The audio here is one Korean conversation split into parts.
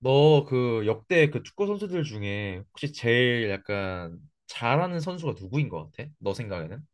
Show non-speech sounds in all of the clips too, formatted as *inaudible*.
너 그 역대 그 축구 선수들 중에 혹시 제일 약간 잘하는 선수가 누구인 것 같아? 너 생각에는?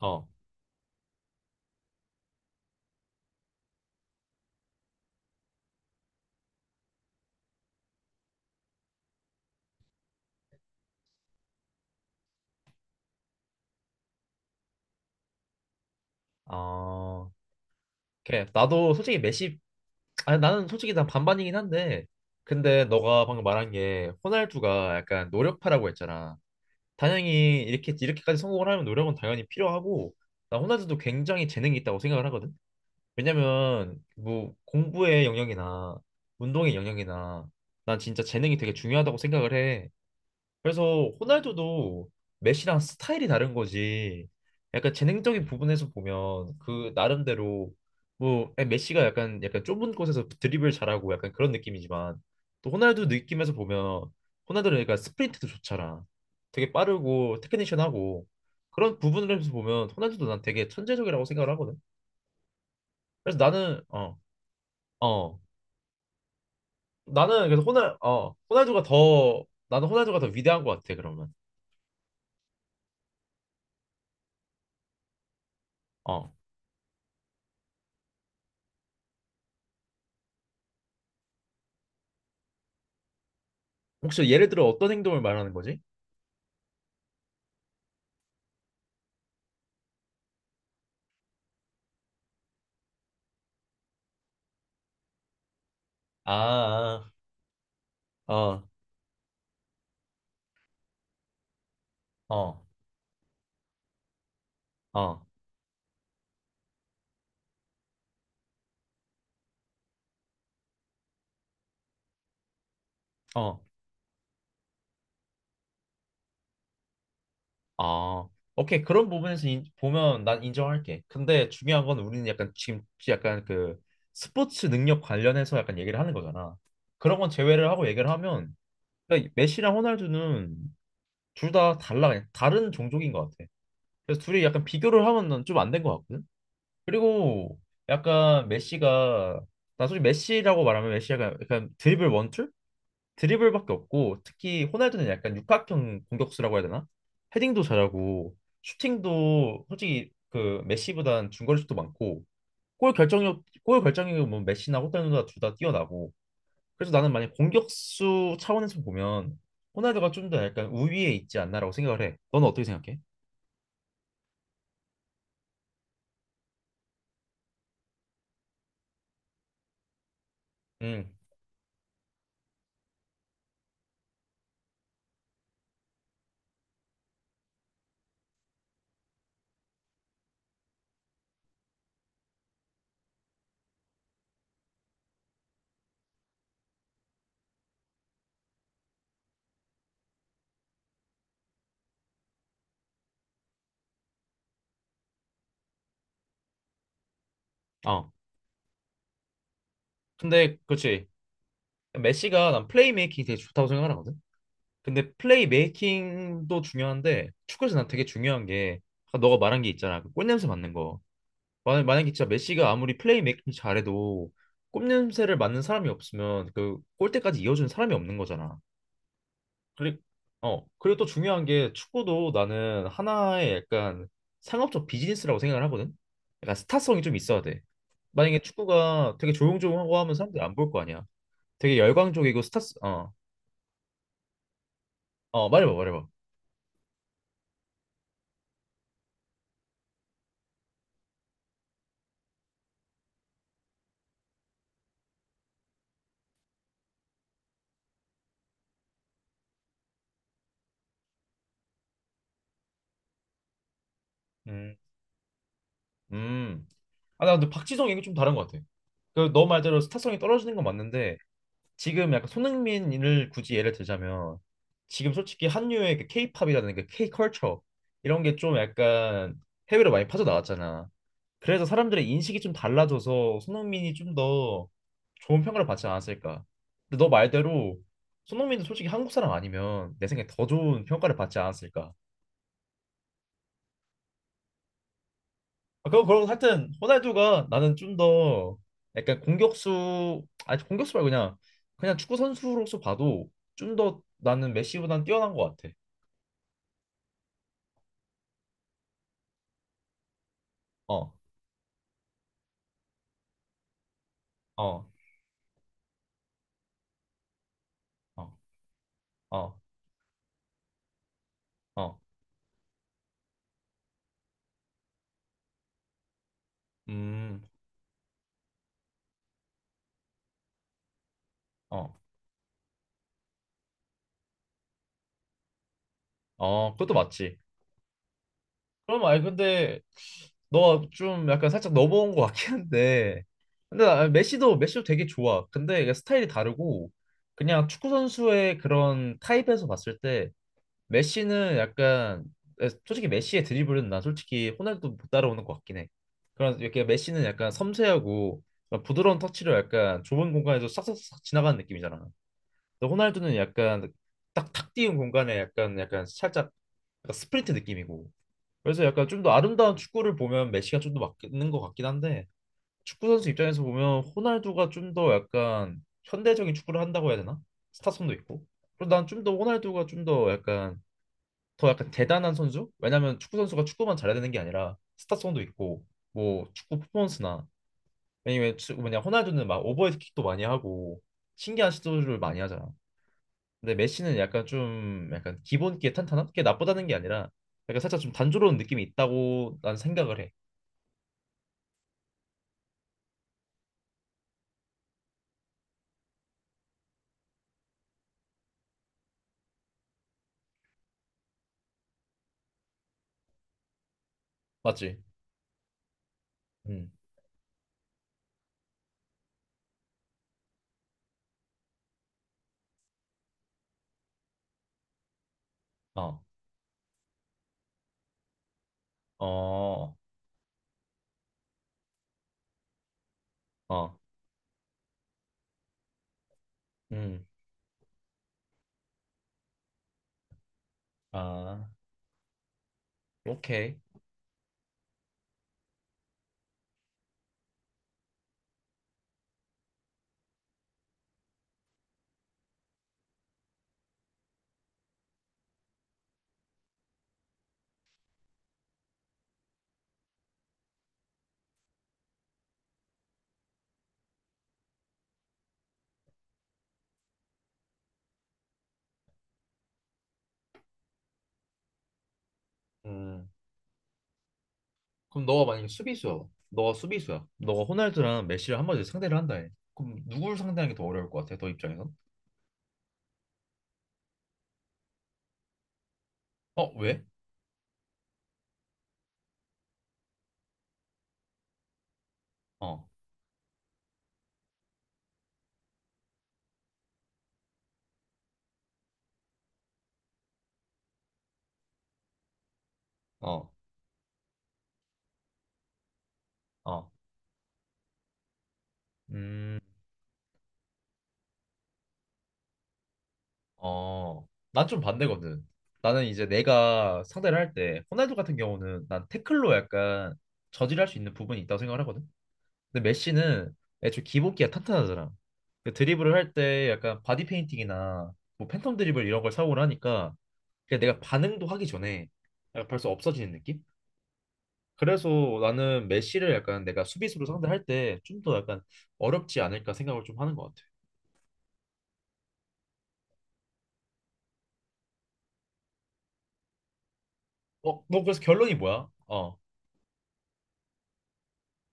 어. 어, 걔 나도 솔직히 메시, 아니 나는 솔직히 난 반반이긴 한데, 근데 너가 방금 말한 게 호날두가 약간 노력파라고 했잖아. 당연히 이렇게까지 성공을 하려면 노력은 당연히 필요하고, 나 호날두도 굉장히 재능이 있다고 생각을 하거든. 왜냐면 뭐 공부의 영역이나 운동의 영역이나 난 진짜 재능이 되게 중요하다고 생각을 해. 그래서 호날두도 메시랑 스타일이 다른 거지. 약간 재능적인 부분에서 보면 그 나름대로 뭐 메시가 약간 좁은 곳에서 드리블 잘하고 약간 그런 느낌이지만 또 호날두 느낌에서 보면 호날두는 약간 스프린트도 좋잖아. 되게 빠르고 테크니션하고 그런 부분에서 보면 호날두도 난 되게 천재적이라고 생각을 하거든. 그래서 나는 어 어 나는 그래서 호날 어 호날두가 더 나는 호날두가 더 위대한 것 같아 그러면. 어. 혹시 예를 들어 어떤 행동을 말하는 거지? 아, 아, 어, 어, 어, 어, 어. 오케이. 그런 부분에서 보면 난 인정할게. 근데 중요한 건 우리는 약간 지금 약간 그 스포츠 능력 관련해서 약간 얘기를 하는 거잖아. 그런 건 제외를 하고 얘기를 하면 그러니까 메시랑 호날두는 둘 다 달라. 그냥 다른 종족인 것 같아. 그래서 둘이 약간 비교를 하면 좀 안 된 것 같거든. 그리고 약간 메시가 나 솔직히 메시라고 말하면 메시가 약간 드리블 원툴? 드리블밖에 없고 특히 호날두는 약간 육각형 공격수라고 해야 되나? 헤딩도 잘하고 슈팅도 솔직히 그 메시보단 중거리슛도 많고 골 결정력 골 결정력은 뭐 메시나 호날두나 둘 다 뛰어나고 그래서 나는 만약 공격수 차원에서 보면 호날두가 좀 더 약간 우위에 있지 않나라고 생각을 해. 너는 어떻게 생각해? 음. 어. 근데 그렇지. 메시가 난 플레이메이킹이 되게 좋다고 생각하거든. 근데 플레이 메이킹도 중요한데 축구에서 난 되게 중요한 게 아까 너가 말한 게 있잖아. 그 꽃냄새 맡는 거. 만약에 진짜 메시가 아무리 플레이 메이킹 잘해도 꽃냄새를 맡는 사람이 없으면 그 골대까지 이어주는 사람이 없는 거잖아. 그리고 그리고 또 중요한 게 축구도 나는 하나의 약간 상업적 비즈니스라고 생각을 하거든. 약간 스타성이 좀 있어야 돼. 만약에 축구가 되게 조용조용하고 하면 사람들이 안 볼 거 아니야. 되게 열광적이고 스타 어 어 말해봐 말해봐. 음 음. 아, 나 근데 박지성 얘기 좀 다른 것 같아. 그 너 말대로 스타성이 떨어지는 건 맞는데 지금 약간 손흥민을 굳이 예를 들자면 지금 솔직히 한류의 그 K-팝이라든가 K-컬처 이런 게 좀 약간 해외로 많이 빠져나왔잖아. 그래서 사람들의 인식이 좀 달라져서 손흥민이 좀 더 좋은 평가를 받지 않았을까. 근데 너 말대로 손흥민도 솔직히 한국 사람 아니면 내 생각에 더 좋은 평가를 받지 않았을까. 아, 그럼 그럼 하여튼 호날두가 나는 좀 더 약간 공격수 아니 공격수 말고 그냥 그냥 축구 선수로서 봐도 좀 더 나는 메시보단 뛰어난 것 같아. 어, 어, 어, 어, 어, 음, 어, 어, 그것도 맞지. 그럼 아니 근데 너가 좀 약간 살짝 넘어온 것 같긴 한데 근데 나 메시도 되게 좋아. 근데 이게 스타일이 다르고 그냥 축구 선수의 그런 타입에서 봤을 때 메시는 약간 솔직히 메시의 드리블은 난 솔직히 호날두 못 따라오는 것 같긴 해. 그런 이렇게 메시는 약간 섬세하고 약간 부드러운 터치로 약간 좁은 공간에서 싹싹싹 지나가는 느낌이잖아. 근데 호날두는 약간 딱탁 띄운 공간에 약간 살짝 약간 스프린트 느낌이고. 그래서 약간 좀 더 아름다운 축구를 보면 메시가 좀 더 맞는 것 같긴 한데 축구 선수 입장에서 보면 호날두가 좀 더 약간 현대적인 축구를 한다고 해야 되나? 스타성도 있고. 그리고 난 좀 더 호날두가 좀 더 약간 더 약간 대단한 선수? 왜냐면 축구 선수가 축구만 잘해야 되는 게 아니라 스타성도 있고 뭐 축구 퍼포먼스나 아니면 뭐냐 호날두는 막 오버헤드킥도 많이 하고 신기한 시도를 많이 하잖아. 근데 메시는 약간 좀 약간 기본기에 탄탄한 게 나쁘다는 게 아니라 약간 살짝 좀 단조로운 느낌이 있다고 난 생각을 해. 맞지? 음. 어. 어. 어. 음. 아. 오케이. 음. 그럼 너가 만약에 수비수야. 너가 수비수야. 너가 호날두랑 메시를 한마디로 상대를 한다 해. 그럼 누굴 상대하는 게 더 어려울 것 같아? 너 입장에선? 어, 왜? 어, 어, 어. 음, 어. 난 좀 반대거든. 나는 이제 내가 상대를 할 때 호날두 같은 경우는 난 태클로 약간 저질할 수 있는 부분이 있다고 생각을 하거든. 근데 메시는 애초에 기복기가 탄탄하잖아. 그 드리블을 할 때 약간 바디 페인팅이나 뭐 팬텀 드리블 이런 걸 사용을 하니까 그냥 내가 반응도 하기 전에 약간 벌써 없어지는 느낌? 그래서 나는 메시를 약간 내가 수비수로 상대할 때 좀 더 약간 어렵지 않을까 생각을 좀 하는 것 같아. 어, 너 그래서 결론이 뭐야? 어,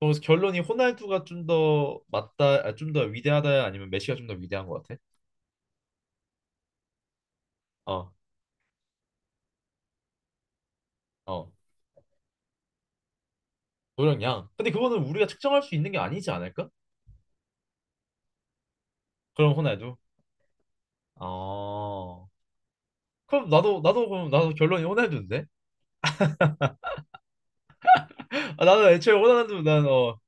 너 그래서 결론이 호날두가 좀 더 맞다, 아, 좀 더 위대하다 아니면 메시가 좀 더 위대한 것 같아? 어, 어, 노력 양. 근데 그거는 우리가 측정할 수 있는 게 아니지 않을까? 그럼 호날두. 어, 그럼 나도 결론이 호날두인데? *laughs* 아, 나는 애초에 호날두 난 어,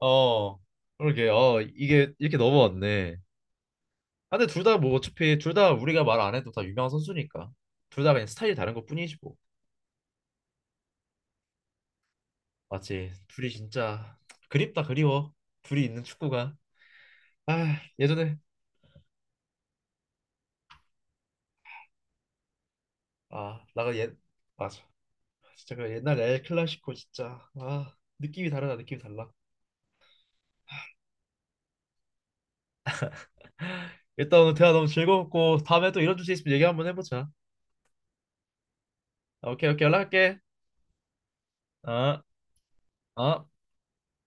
어, 그러게, 어, 이게 이렇게 넘어왔네. 아, 근데 둘 다 뭐 어차피 둘 다 우리가 말 안 해도 다 유명한 선수니까 둘 다 그냥 스타일이 다른 것뿐이지 뭐 맞지 둘이 진짜 그립다 그리워 둘이 있는 축구가 아 예전에 아 나가 옛 맞아 진짜 그 옛날 엘 클라시코 진짜 아 느낌이 다르다 느낌이 달라 일단 오늘 대화 너무 즐거웠고 다음에 또 이런 주제 있으면 얘기 한번 해보자 아, 오케이 오케이 연락할게 아 아.